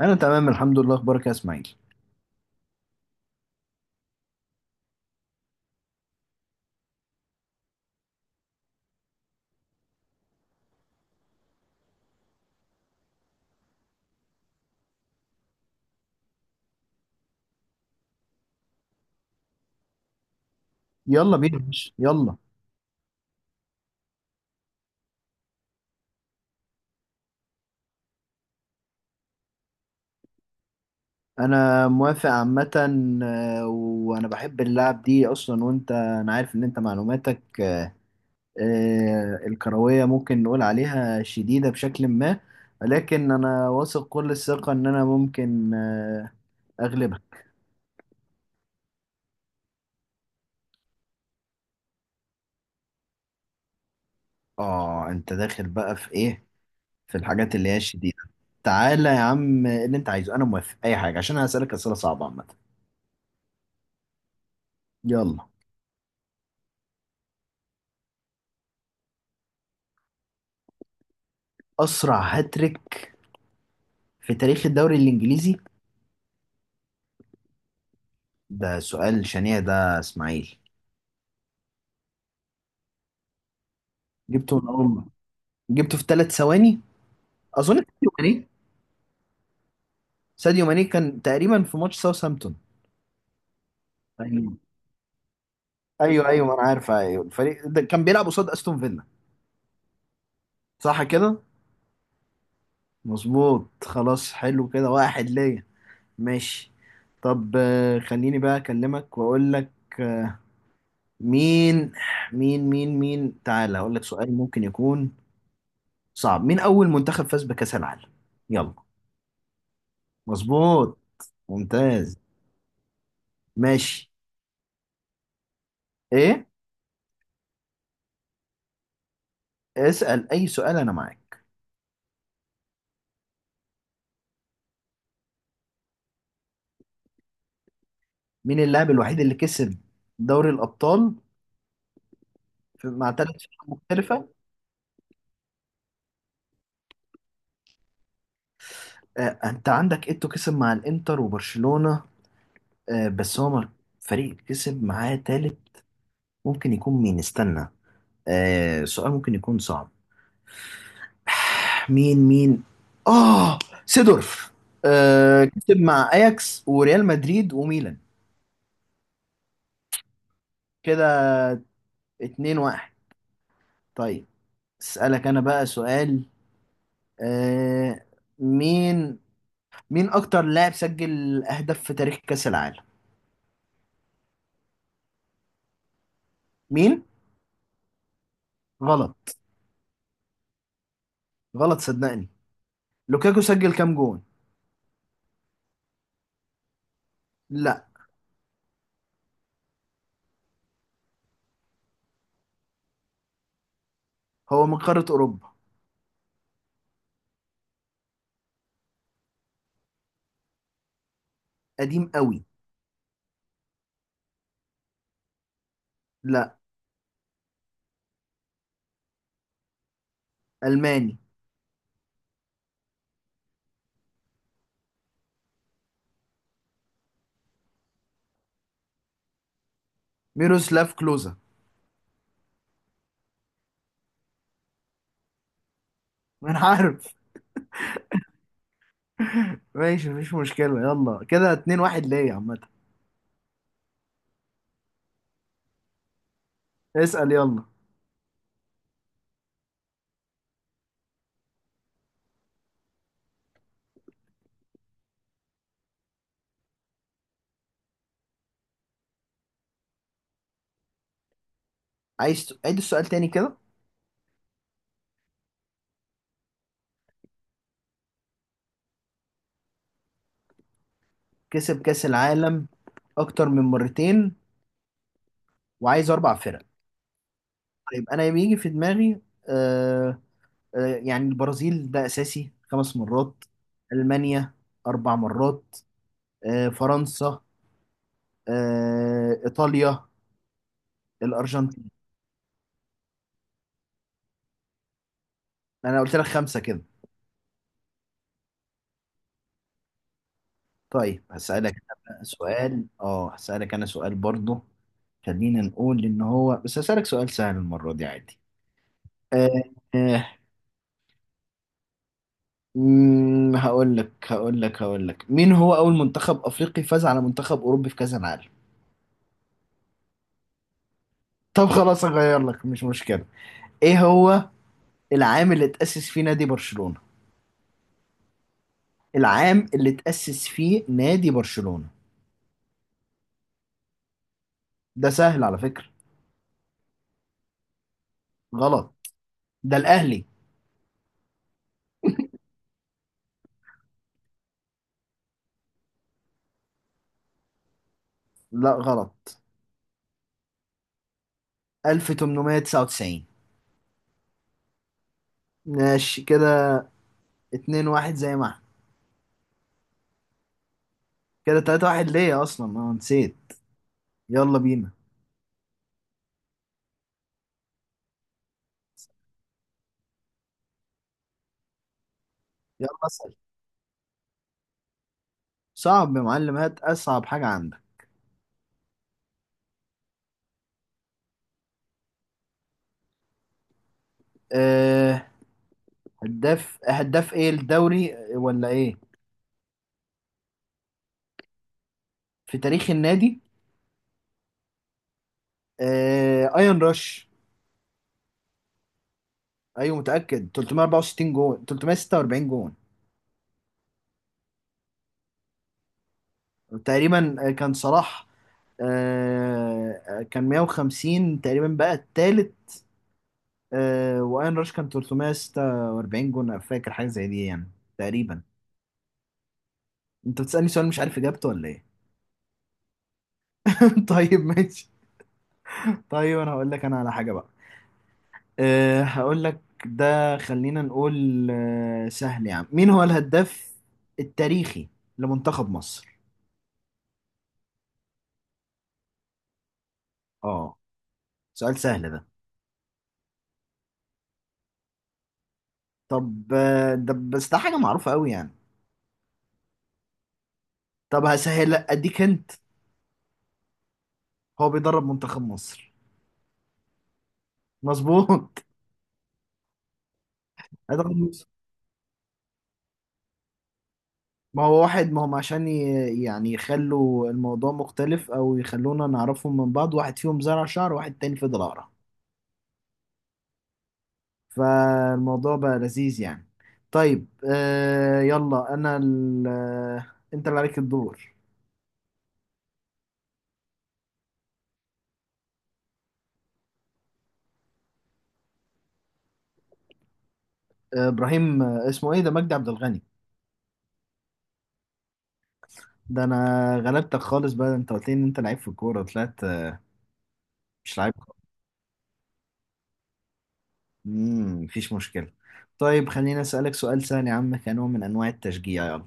انا تمام الحمد لله. اخبارك يا اسماعيل؟ يلا بينا يا باشا، يلا. انا موافق عامه. وانا بحب اللعب دي اصلا، وانت انا عارف ان انت معلوماتك الكرويه ممكن نقول عليها شديده بشكل ما. لكن انا واثق كل الثقه ان انا ممكن اغلبها. اه انت داخل بقى في ايه؟ في الحاجات اللي هي الشديده؟ تعالى يا عم اللي انت عايزه، انا موافق اي حاجه، عشان انا هسالك اسئله صعبه عامه. يلا. اسرع هاتريك في تاريخ الدوري الإنجليزي؟ ده سؤال شنيع ده إسماعيل. جبته من أول ما- جبته في ثلاث ثواني. أظن ساديو ماني. ساديو ماني كان تقريبا في ماتش ساوثهامبتون. ايوه. أيوه أيوه، ما أنا عارف. أيوه الفريق ده كان بيلعب قصاد أستون فيلا. صح كده؟ مظبوط. خلاص، حلو كده، واحد ليا. ماشي. طب خليني بقى أكلمك وأقول لك. مين مين تعالى أقول لك سؤال ممكن يكون صعب. مين أول منتخب فاز بكأس العالم؟ يلا. مظبوط. ممتاز. ماشي. ايه؟ اسأل اي سؤال انا معاك. مين اللاعب الوحيد اللي كسب دوري الابطال مع ثلاث فرق مختلفة؟ انت عندك ايتو، كسب مع الانتر وبرشلونة. آه بس هو مر- فريق كسب معاه ثالث ممكن يكون مين؟ استنى، سؤال ممكن يكون صعب. مين. اه، سيدورف. كسب مع اياكس وريال مدريد وميلان. كده اتنين واحد. طيب اسألك انا بقى سؤال. آه مين مين اكتر لاعب سجل اهداف في تاريخ كاس العالم؟ مين؟ غلط. غلط صدقني. لوكاكو سجل كام جون؟ لا. هو من قارة اوروبا. قديم قوي. لا. الماني. ميروسلاف كلوزا. ما انا عارف. ماشي مفيش مشكلة، يلا كده 2-1 ليا عامة. اسأل يلا. عايز عيد السؤال تاني كده؟ كسب كاس العالم اكتر من مرتين وعايز اربع فرق. طيب انا يجي في دماغي آه، يعني البرازيل ده أساسي، خمس مرات. ألمانيا، أربع مرات. فرنسا. إيطاليا. الأرجنتين. أنا قلت لك خمسة كده. طيب هسألك أنا بقى سؤال. أه هسألك أنا سؤال برضه خلينا نقول إن هو، بس هسألك سؤال سهل المرة دي عادي. آه، آه، هقول لك مين هو أول منتخب أفريقي فاز على منتخب أوروبي في كأس العالم؟ طب خلاص أغير لك، مش مشكلة. إيه هو العام اللي اتأسس فيه نادي برشلونة؟ العام اللي تأسس فيه نادي برشلونة. ده سهل على فكرة. غلط، ده الأهلي. لا غلط. 1899. ماشي كده. 2-1 زي ما احنا. كده 3-1 ليا، أصلا أنا نسيت. يلا بينا. يلا اسأل. صعب يا معلم، هات أصعب حاجة عندك. أه. هداف إيه، الدوري ولا إيه؟ في تاريخ النادي. أه أيان راش. أيوه متأكد، 364 جون، 346 جون تقريبا. كان صلاح كان 150 تقريبا، بقى التالت. واين راش كان 346 جون، أنا فاكر حاجه زي دي يعني، تقريبا. انت بتسالني سؤال مش عارف اجابته ولا ايه؟ طيب ماشي. طيب انا هقول لك انا على حاجه بقى. هقول لك. ده خلينا نقول سهل يا عم، مين هو الهداف التاريخي لمنتخب مصر؟ اه، سؤال سهل ده؟ طب ده بس، ده حاجه معروفه قوي يعني. طب هسهل، اديك انت. هو بيدرب منتخب مصر. مظبوط. أدخل مصر. ما هو واحد، ما هم عشان يعني يخلوا الموضوع مختلف او يخلونا نعرفهم من بعض، واحد فيهم زرع شعر واحد تاني فضل اقرع، فالموضوع بقى لذيذ يعني. طيب يلا انا ال... آه، انت اللي عليك الدور. ابراهيم اسمه ايه ده، مجدي عبد الغني. ده انا غلبتك خالص بقى، انت قلت لي ان انت لعيب في الكوره، طلعت مش لعيب خالص. مفيش مشكله. طيب خليني اسالك سؤال سهل يا عم كنوع من انواع التشجيع، يلا.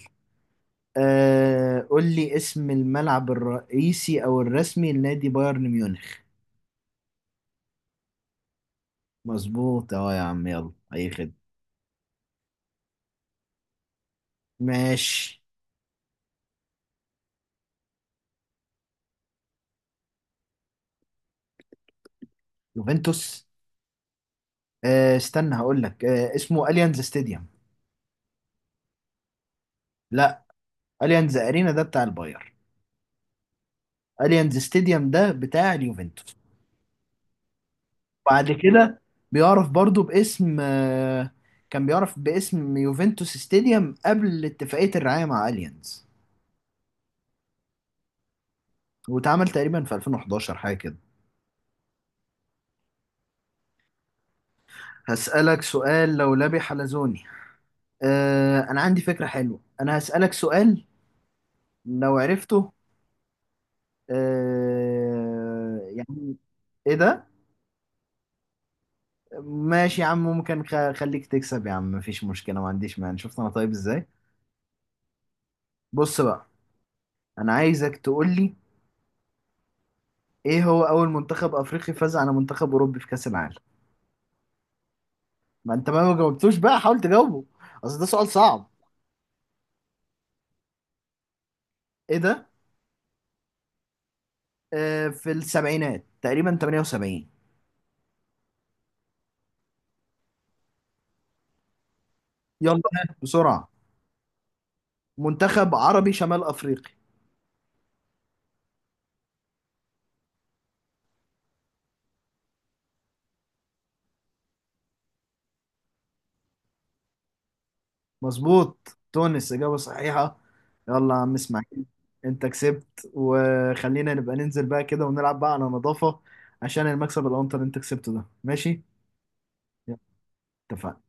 قول لي اسم الملعب الرئيسي او الرسمي لنادي بايرن ميونخ. مظبوط اه يا عم، يلا اي خدمه. ماشي. يوفنتوس. استنى هقول لك. اسمه اليانز ستاديوم. لا. اليانز ارينا ده بتاع الباير. اليانز ستاديوم ده بتاع اليوفنتوس. بعد كده بيعرف برضو باسم. كان بيعرف باسم يوفنتوس ستاديوم قبل اتفاقية الرعاية مع اليانز. واتعمل تقريبا في 2011، حاجة كده. هسألك سؤال لولبي حلزوني. أنا عندي فكرة حلوة، أنا هسألك سؤال لو عرفته يعني. إيه ده؟ ماشي يا عم، ممكن خليك تكسب يا عم مفيش مشكلة، ما عنديش مانع، شفت أنا؟ طيب إزاي؟ بص بقى، أنا عايزك تقول لي إيه هو أول منتخب أفريقي فاز على منتخب أوروبي في كأس العالم؟ ما أنت ما جاوبتوش بقى، حاول تجاوبه، أصل ده سؤال صعب. إيه ده؟ في السبعينات تقريبا، 78. يلا بسرعة. منتخب عربي شمال أفريقي. مظبوط، تونس، إجابة صحيحة. يلا يا عم إسماعيل. أنت كسبت، وخلينا نبقى ننزل بقى كده ونلعب بقى على نظافة، عشان المكسب الأنطر اللي أنت كسبته ده، ماشي؟ يلا. اتفقنا.